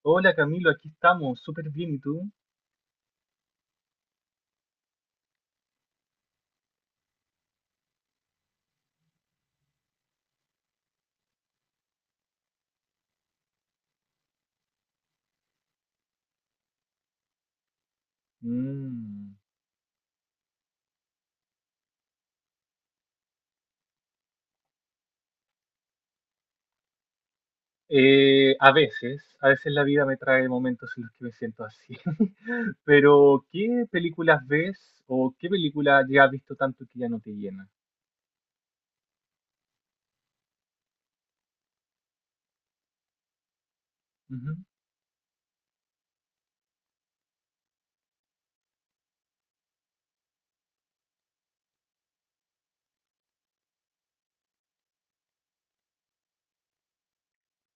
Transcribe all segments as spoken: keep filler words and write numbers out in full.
Hola Camilo, aquí estamos, súper bien, ¿y tú? Mm. Eh, a veces, a veces la vida me trae momentos en los que me siento así. Pero, ¿qué películas ves o qué película ya has visto tanto que ya no te llena? Ujú,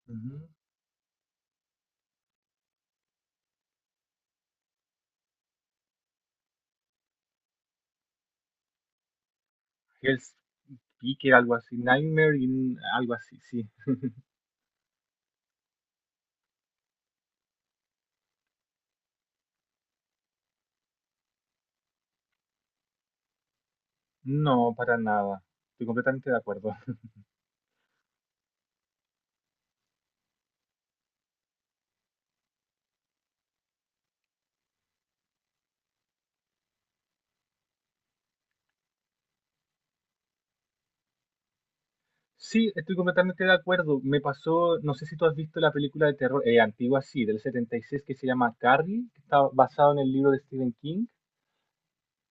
ujú. Hell's Speaker, algo así, Nightmare, in- algo así, sí. No, para nada. Estoy completamente de acuerdo. Sí, estoy completamente de acuerdo. Me pasó, no sé si tú has visto la película de terror eh, antigua, sí, del setenta y seis que se llama Carrie, que está basado en el libro de Stephen King.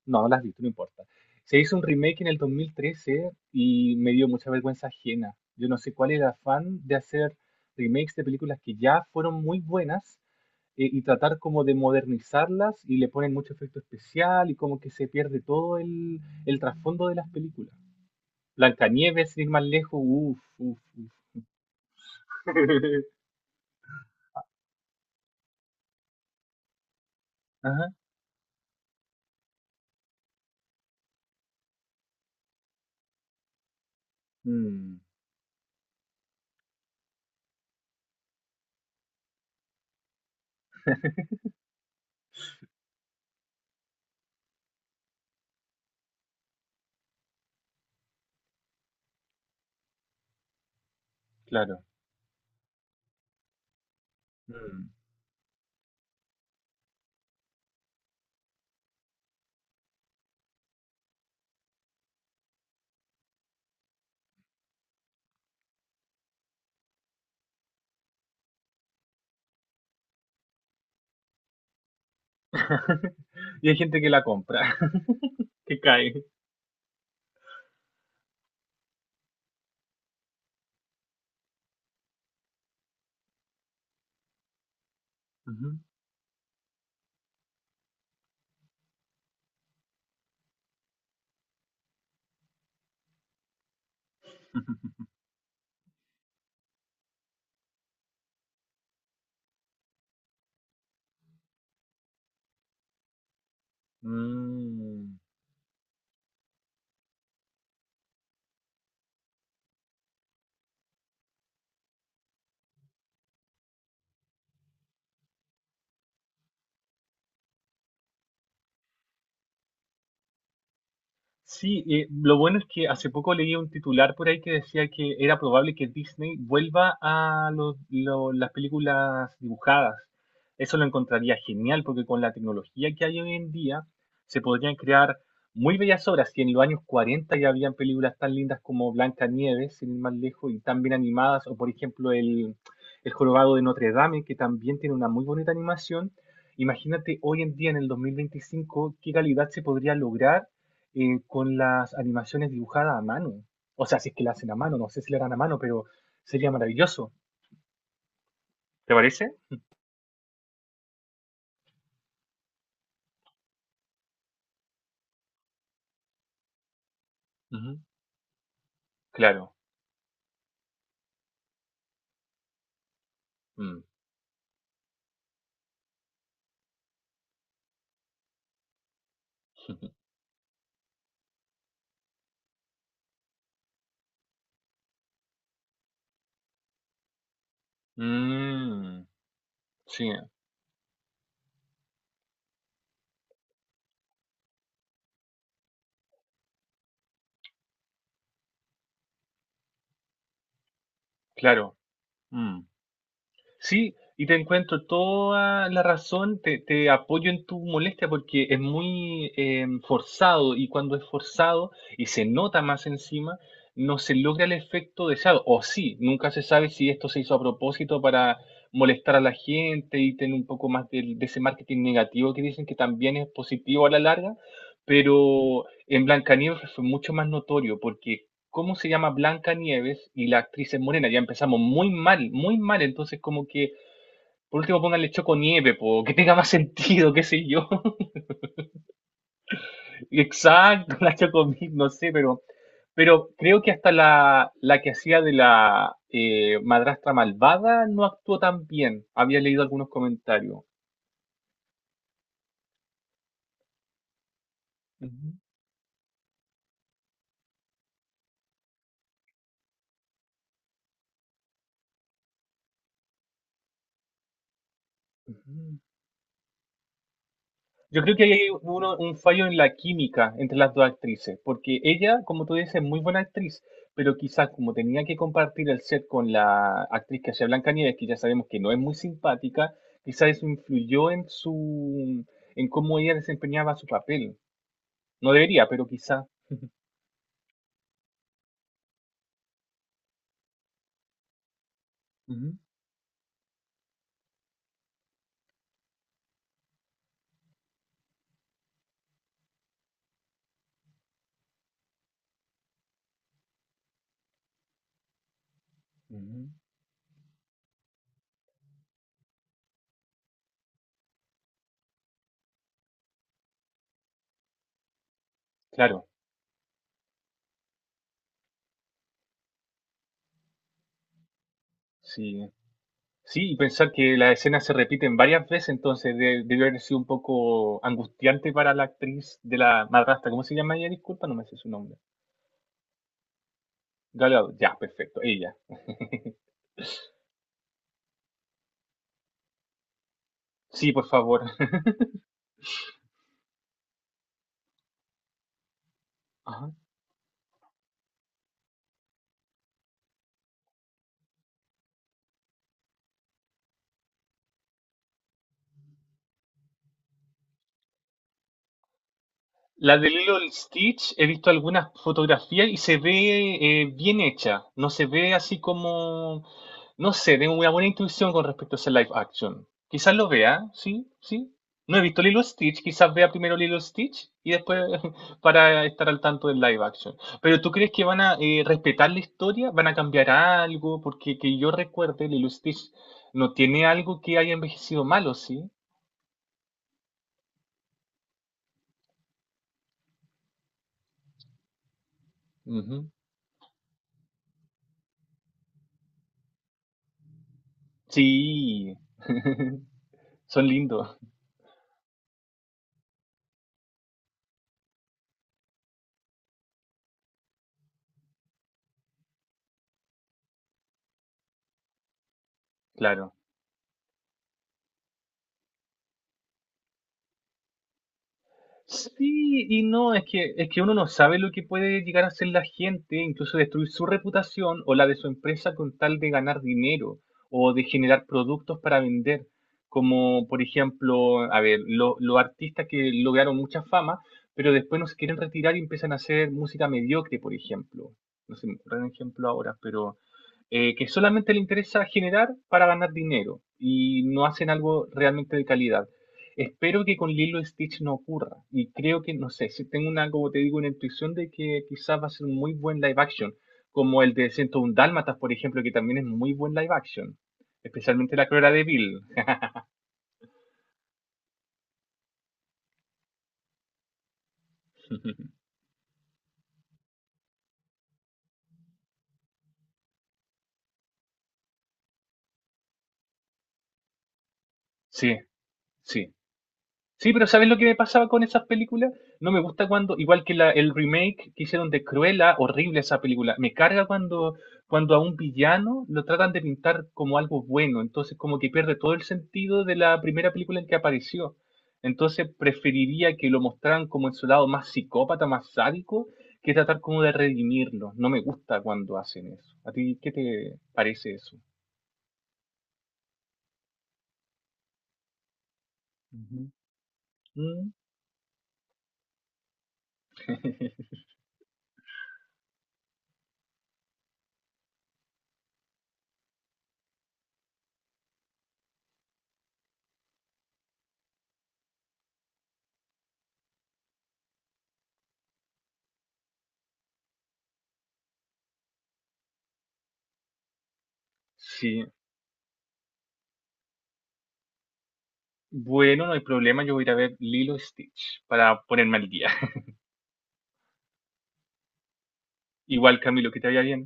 No, no la has visto, no importa. Se hizo un remake en el dos mil trece y me dio mucha vergüenza ajena. Yo no sé cuál era el afán de hacer remakes de películas que ya fueron muy buenas eh, y tratar como de modernizarlas y le ponen mucho efecto especial y como que se pierde todo el, el trasfondo de las películas. Blancanieves, sin ir más lejos, uff, uff. Ajá. Mm, claro. Mm. Y hay gente que la compra, que cae. Ujú. Mm. Sí, eh, lo bueno es que hace poco leí un titular por ahí que decía que era probable que Disney vuelva a los- lo- las películas dibujadas. Eso lo encontraría genial porque con la tecnología que hay hoy en día se podrían crear muy bellas obras. Y en los años cuarenta ya habían películas tan lindas como Blancanieves, sin ir más lejos, y tan bien animadas, o por ejemplo el, el Jorobado de Notre Dame, que también tiene una muy bonita animación. Imagínate hoy en día, en el dos mil veinticinco qué calidad se podría lograr eh, con las animaciones dibujadas a mano. O sea, si es que la hacen a mano, no sé si la harán a mano, pero sería maravilloso. ¿Te parece? Ujú. Claro. Mm. Mm, sí, claro. Mm. Sí, y te encuentro toda la razón, te, te apoyo en tu molestia porque es muy eh, forzado y cuando es forzado y se nota más encima, no se logra el efecto deseado. O sí, nunca se sabe si esto se hizo a propósito para molestar a la gente y tener un poco más del- de, ese marketing negativo que dicen que también es positivo a la larga, pero en Blancanieves fue mucho más notorio porque cómo se llama Blancanieves y la actriz es morena. Ya empezamos muy mal, muy mal. Entonces, como que por último pónganle Choco Nieve, po, que tenga más sentido, qué sé yo. Exacto, la Choco no sé, pero, pero creo que hasta la, la que hacía de la eh, madrastra malvada no actuó tan bien. Había leído algunos comentarios. Ujú. Ujú. Yo creo que ahí hay uno- un fallo en la química entre las dos actrices, porque ella, como tú dices, es muy buena actriz, pero quizás como tenía que compartir el set con la actriz que hacía Blancanieves, que ya sabemos que no es muy simpática, quizás eso influyó en su, en cómo ella desempeñaba su papel. No debería, pero quizás. Ujú, ujú. Claro, sí. Sí, y pensar que las escenas se repiten varias veces, entonces de- debió haber sido un poco angustiante para la actriz de la madrastra. ¿Cómo se llama ella? Disculpa, no me sé su nombre. Galeado, ya, perfecto, ella. Sí, por favor. Ajá. La de Lilo y Stitch, he visto algunas fotografías y se ve eh, bien hecha. No se ve así como, no sé, tengo una buena intuición con respecto a ese live action. Quizás lo vea, sí, sí. No he visto Lilo y Stitch, quizás vea primero Lilo y Stitch y después para estar al tanto del live action. Pero ¿tú crees que van a eh, respetar la historia? ¿Van a cambiar algo? Porque que yo recuerde, Lilo y Stitch no tiene algo que haya envejecido malo, ¿sí? Ujú. Sí, son lindos. Claro. Sí y no, es que, es que uno no sabe lo que puede llegar a hacer la gente, incluso destruir su reputación o la de su empresa con tal de ganar dinero o de generar productos para vender. Como por ejemplo, a ver, lo- los artistas que lograron mucha fama, pero después no se quieren retirar y empiezan a hacer música mediocre, por ejemplo. No se me ocurre un ejemplo ahora, pero eh, que solamente le interesa generar para ganar dinero y no hacen algo realmente de calidad. Espero que con Lilo Stitch no ocurra. Y creo que, no sé, si tengo una, como te digo, una intuición de que quizás va a ser un muy buen live action, como el de ciento uno Dálmatas, por ejemplo, que también es muy buen live action, especialmente la Cruella de Bill. Sí, sí. Sí, pero ¿sabes lo que me pasaba con esas películas? No me gusta cuando, igual que la, el remake que hicieron de Cruella, horrible esa película. Me carga cuando, cuando a un villano lo tratan de pintar como algo bueno. Entonces, como que pierde todo el sentido de la primera película en que apareció. Entonces, preferiría que lo mostraran como en su lado más psicópata, más sádico, que tratar como de redimirlo. No me gusta cuando hacen eso. ¿A ti qué te parece eso? Ujú. Mm, Sí. Bueno, no hay problema, yo voy a ir a ver Lilo y Stitch para ponerme al día. Igual, Camilo, que te vaya bien.